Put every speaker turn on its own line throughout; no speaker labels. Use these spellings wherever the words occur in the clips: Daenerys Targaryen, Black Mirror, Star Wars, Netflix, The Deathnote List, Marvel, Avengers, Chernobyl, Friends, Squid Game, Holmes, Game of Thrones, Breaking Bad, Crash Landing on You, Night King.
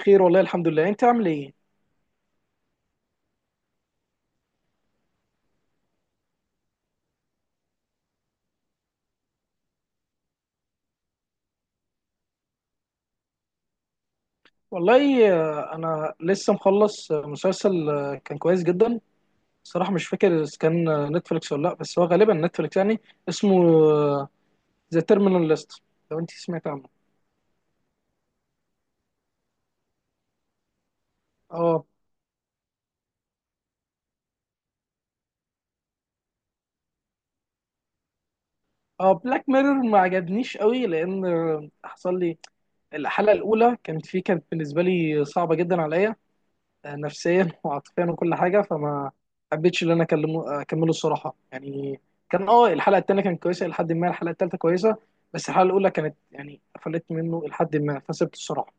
خير، والله الحمد لله. انت عامل ايه؟ والله، انا لسه مخلص مسلسل كان كويس جدا. صراحة مش فاكر اذا كان نتفليكس ولا لا، بس هو غالبا نتفليكس يعني. اسمه ذا تيرمينال ليست. لو انت سمعت عنه. اه اه، بلاك ميرور ما عجبنيش قوي، لان حصل لي الحلقة الاولى. كانت فيه، كانت بالنسبة لي صعبة جدا عليا نفسيا وعاطفيا وكل حاجه، فما حبيتش ان انا اكلمه اكمله الصراحه يعني. كان اه الحلقه الثانيه كانت كويسه، لحد ما الحلقه الثالثه كويسه، بس الحلقه الاولى كانت يعني قفلت منه لحد ما فسبت الصراحه.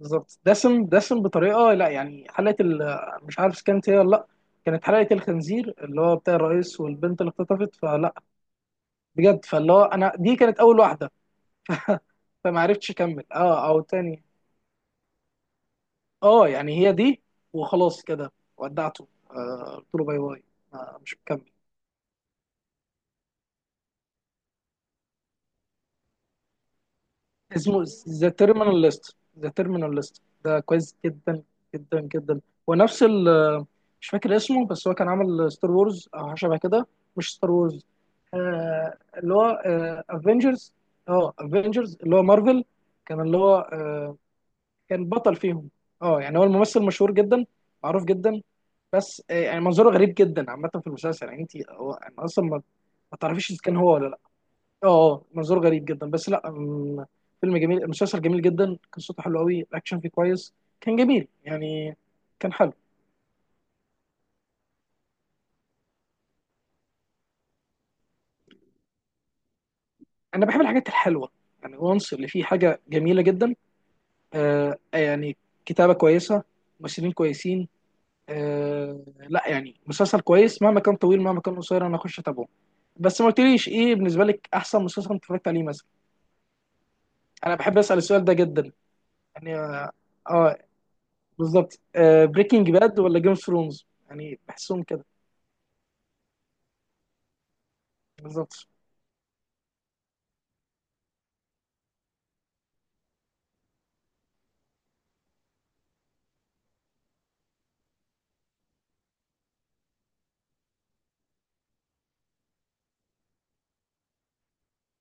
بالظبط، دسم دسم بطريقه، لا يعني حلقه مش عارف كانت هي ولا لا. كانت حلقه الخنزير اللي هو بتاع الرئيس والبنت اللي اختطفت، فلا بجد، فاللي هو انا دي كانت اول واحده. فما عرفتش اكمل، اه او تاني. اه يعني هي دي وخلاص كده. ودعته، قلت له باي باي. مش مكمل. اسمه ذا تيرمينال ليست. ذا تيرمينال ليست ده كويس جدا جدا جدا. ونفس ال، مش فاكر اسمه، بس هو كان عامل ستار وورز او حاجه شبه كده. مش ستار وورز، آه اللي هو افنجرز. اه افنجرز اللي هو مارفل. كان اللي هو كان بطل فيهم. اه يعني هو الممثل مشهور جدا، معروف جدا. بس يعني منظره غريب جدا عامة في المسلسل، يعني انت هو انا اصلا ما تعرفيش اذا كان هو ولا لا. اه اه منظره غريب جدا، بس لا فيلم جميل، المسلسل جميل جدا، قصته حلوه قوي، الاكشن فيه كويس. كان جميل يعني، كان حلو. انا بحب الحاجات الحلوه. يعني وانس اللي فيه حاجه جميله جدا. يعني كتابه كويسه، ممثلين كويسين. آه لا، يعني مسلسل كويس، مهما كان طويل مهما كان قصير انا اخش اتابعه. بس ما قلتليش ايه بالنسبه لك احسن مسلسل انت اتفرجت عليه مثلا؟ انا بحب اسال السؤال ده جدا يعني. اه بالظبط، آه بريكنج باد ولا جيم اوف ثرونز، يعني بحسهم كده. بالظبط،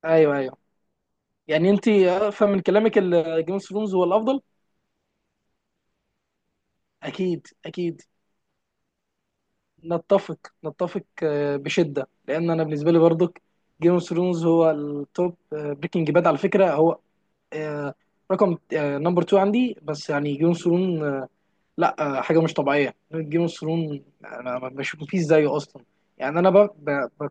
ايوه ايوه. يعني انت افهم من كلامك جيم اوف ثرونز هو الافضل. اكيد اكيد، نتفق نتفق، بشده. لان انا بالنسبه لي برضك جيم اوف ثرونز هو التوب. بريكنج باد على فكره هو آه، رقم نمبر 2 عندي، بس يعني جيم اوف ثرونز لا حاجه مش طبيعيه. جيم اوف ثرون انا ما بشوف مفيش زيه اصلا. يعني انا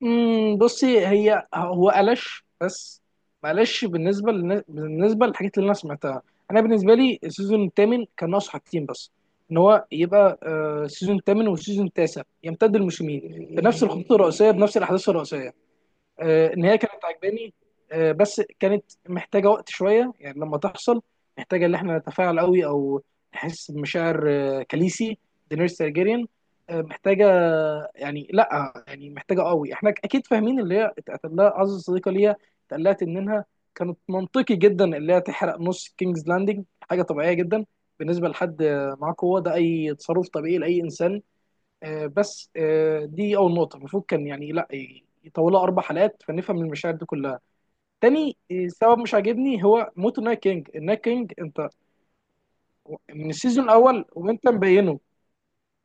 بصي هي هو قلش، بس معلش. بالنسبه للحاجات اللي انا سمعتها، انا بالنسبه لي السيزون الثامن كان ناقص حاجتين بس. ان هو يبقى السيزون الثامن والسيزون التاسع يمتد الموسمين بنفس الخطوط الرئيسيه، بنفس الاحداث الرئيسيه. النهايه كانت عجباني، بس كانت محتاجه وقت شويه يعني لما تحصل. محتاجه ان احنا نتفاعل قوي، او نحس بمشاعر كاليسي دينيريس تارجيريان. محتاجه يعني، لا يعني محتاجه قوي. احنا اكيد فاهمين اللي هي اتقتل لها اعز صديقه ليها، اتقلقت انها، كانت منطقي جدا اللي هي تحرق نص كينجز لاندنج، حاجه طبيعيه جدا. بالنسبه لحد معاه قوه ده اي تصرف طبيعي لاي انسان. آه، بس آه، دي اول نقطه، المفروض كان يعني لا يطولها اربع حلقات فنفهم المشاعر دي كلها. تاني سبب مش عاجبني هو موت النايت كينج. النايت كينج انت من السيزون الاول وانت مبينه.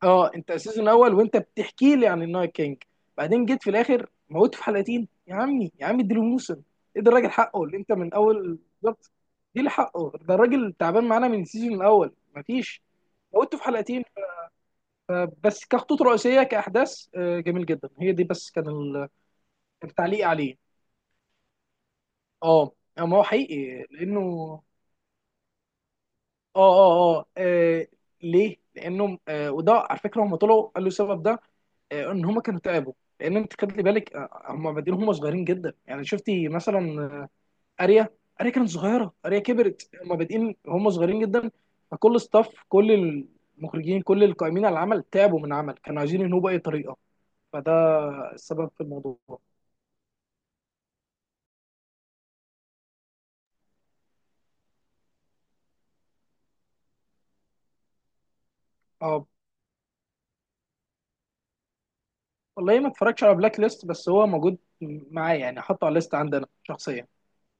اه انت السيزون الاول وانت بتحكي لي عن النايت كينج، بعدين جيت في الاخر موت في حلقتين؟ يا عمي يا عمي اديله موسم. ادي الراجل حقه، اللي انت من اول بالظبط اديله حقه. ده الراجل تعبان معانا من السيزون الاول، مفيش موته في حلقتين. بس كخطوط رئيسيه، كاحداث جميل جدا هي دي، بس كان التعليق عليه اه. ما هو حقيقي لانه، اه اه اه ليه؟ لانه وده على فكره هم طلعوا قالوا السبب ده، ان هم كانوا تعبوا. لان انت خدلي بالك هم بادئين هم صغيرين جدا. يعني شفتي مثلا آه، اريا، اريا كانت صغيره، اريا كبرت. هم بادئين هم صغيرين جدا. فكل ستاف، كل المخرجين، كل القائمين على العمل تعبوا من العمل كانوا عايزين ينهوا باي طريقه. فده السبب في الموضوع. اه والله ما اتفرجتش على بلاك ليست، بس هو موجود معايا يعني، حاطه على الليست عندنا شخصيا.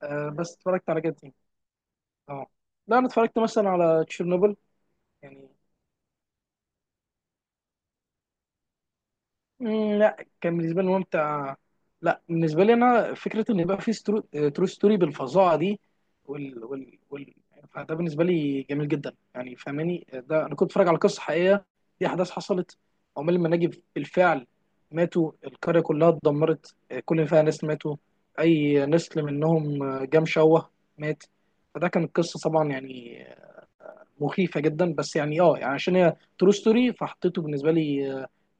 آه بس اتفرجت على كده، اه لا انا اتفرجت مثلا على تشيرنوبل، يعني. لا كان بالنسبه لي ممتع. لا بالنسبه لي انا فكره ان يبقى في ترو ستوري بالفظاعه دي، وال... وال... وال... فده بالنسبه لي جميل جدا يعني. فاهماني ده انا كنت بتفرج على قصه حقيقيه، دي احداث حصلت. عمال المناجم بالفعل ماتوا، القريه كلها اتدمرت، كل اللي فيها ناس ماتوا، اي نسل منهم جام شوه، مات. فده كانت قصه طبعا يعني مخيفه جدا، بس يعني اه يعني عشان هي ترو ستوري فحطيته بالنسبه لي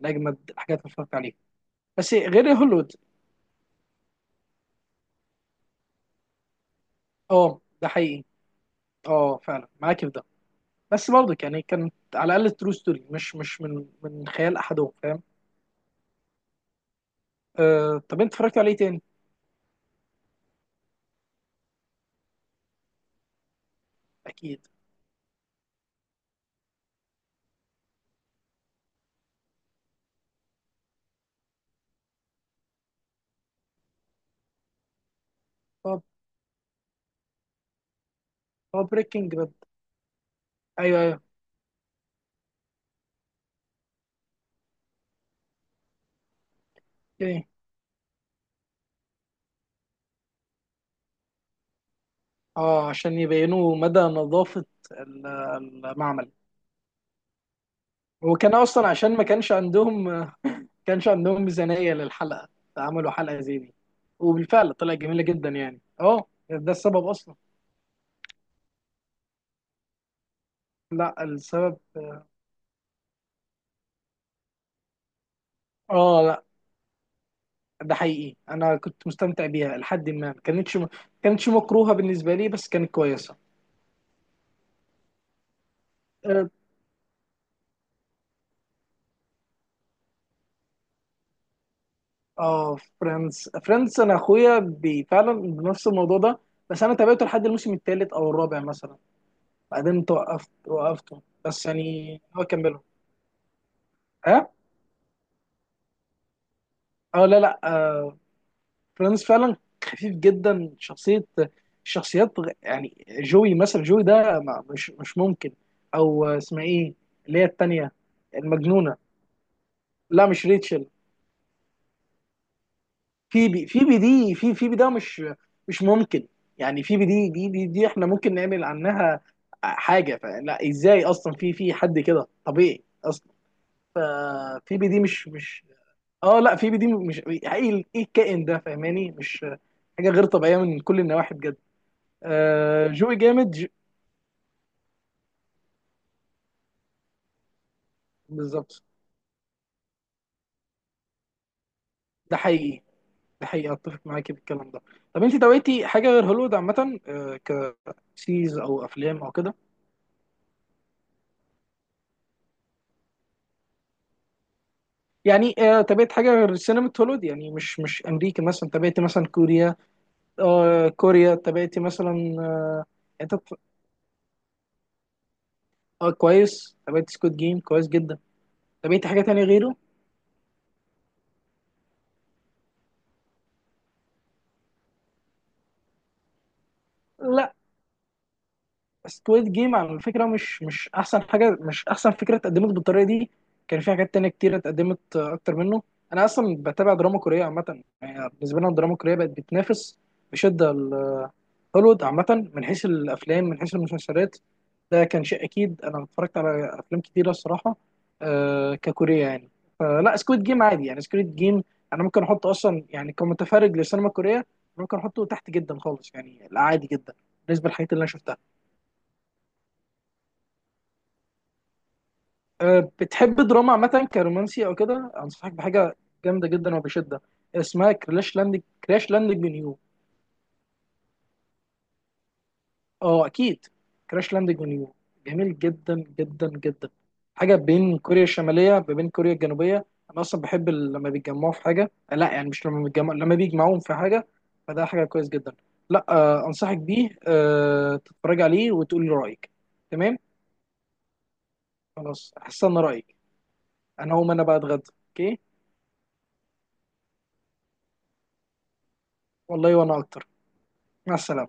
من اجمد الحاجات اللي اتفرجت عليها. بس غير هوليوود، اه ده حقيقي. اه فعلا معاك في ده. بس برضه يعني كانت على الاقل ترو ستوري، مش مش من خيال احدهم، فاهم. آه طب انت اتفرجت عليه تاني؟ اكيد. طب طب بريكنج باد، ايوه ايوه. اوكي. اه عشان يبينوا مدى نظافه ال- المعمل. هو كان اصلا عشان ما كانش عندهم ما كانش عندهم ميزانيه للحلقه، فعملوا حلقه زي دي، وبالفعل طلعت جميله جدا يعني. اه ده السبب اصلا. لا السبب اه ده حقيقي، انا كنت مستمتع بيها لحد ما كانتش مكروهه بالنسبه لي، بس كانت كويسه. اه فريندز. فريندز انا اخويا فعلا بنفس الموضوع ده، بس انا تابعته لحد الموسم الثالث او الرابع مثلا، بعدين توقفت وقفته، بس يعني هو كمله. ها اه لا لا آه فريندز فعلا خفيف جدا شخصيه. الشخصيات يعني جوي مثلا، جوي ده مش ممكن. او اسمها ايه، اللي هي التانيه المجنونه؟ لا مش ريتشل. في بي، في بي دي، في في بي ده مش ممكن. يعني في بي دي دي احنا ممكن نعمل عنها حاجه، فلا ازاي اصلا في حد كده طبيعي اصلا. في بي دي مش مش اه لا في بي دي مش ايه، ايه الكائن ده؟ فاهماني مش حاجه غير طبيعيه من كل النواحي بجد. آه جوي جامد بالظبط، ده حقيقي، ده حقيقي. اتفق معاكي في الكلام ده. طب انت دويتي حاجه غير هوليوود عامه، آه كسيز او افلام او كده؟ يعني تابعت حاجه غير السينما الهوليوود، يعني مش مش امريكا. مثلا تابعت مثلا كوريا؟ آه كوريا. تابعت مثلا حتت- كويس، تابعت سكوت جيم كويس جدا. تابعت حاجه تانية غيره؟ لا سكويد جيم على فكره مش مش احسن حاجه، مش احسن فكره اتقدمت بالطريقه دي. كان في حاجات تانية كتير اتقدمت اكتر منه. انا اصلا بتابع دراما كوريه عامه. يعني بالنسبه لنا الدراما الكوريه بقت بتنافس بشده هوليوود عامه من حيث الافلام من حيث المسلسلات. ده كان شيء اكيد، انا اتفرجت على افلام كتيره الصراحه ككوريه يعني. فلا سكويد جيم عادي يعني، سكويد جيم انا ممكن احطه اصلا يعني كمتفرج للسينما الكوريه ممكن احطه تحت جدا خالص يعني، لا عادي جدا بالنسبه للحاجات اللي انا شفتها. بتحب دراما عامة كرومانسي أو كده؟ أنصحك بحاجة جامدة جدا وبشدة. اسمها كراش لاندنج، كراش لاندنج اون يو. أه أكيد، كراش لاندنج اون يو، جميل جدا جدا جدا. حاجة بين كوريا الشمالية ما بين كوريا الجنوبية. أنا أصلا بحب لما بيتجمعوا في حاجة، لا يعني مش لما بيتجمعوا، لما بيجمعوهم في حاجة. فده حاجة كويس جدا. لا أنصحك بيه تتفرج عليه وتقول لي رأيك. تمام، خلاص هستنى رأيك. أنا هقوم أنا بقى أتغدى. أوكي. والله وأنا أكتر. مع السلامة.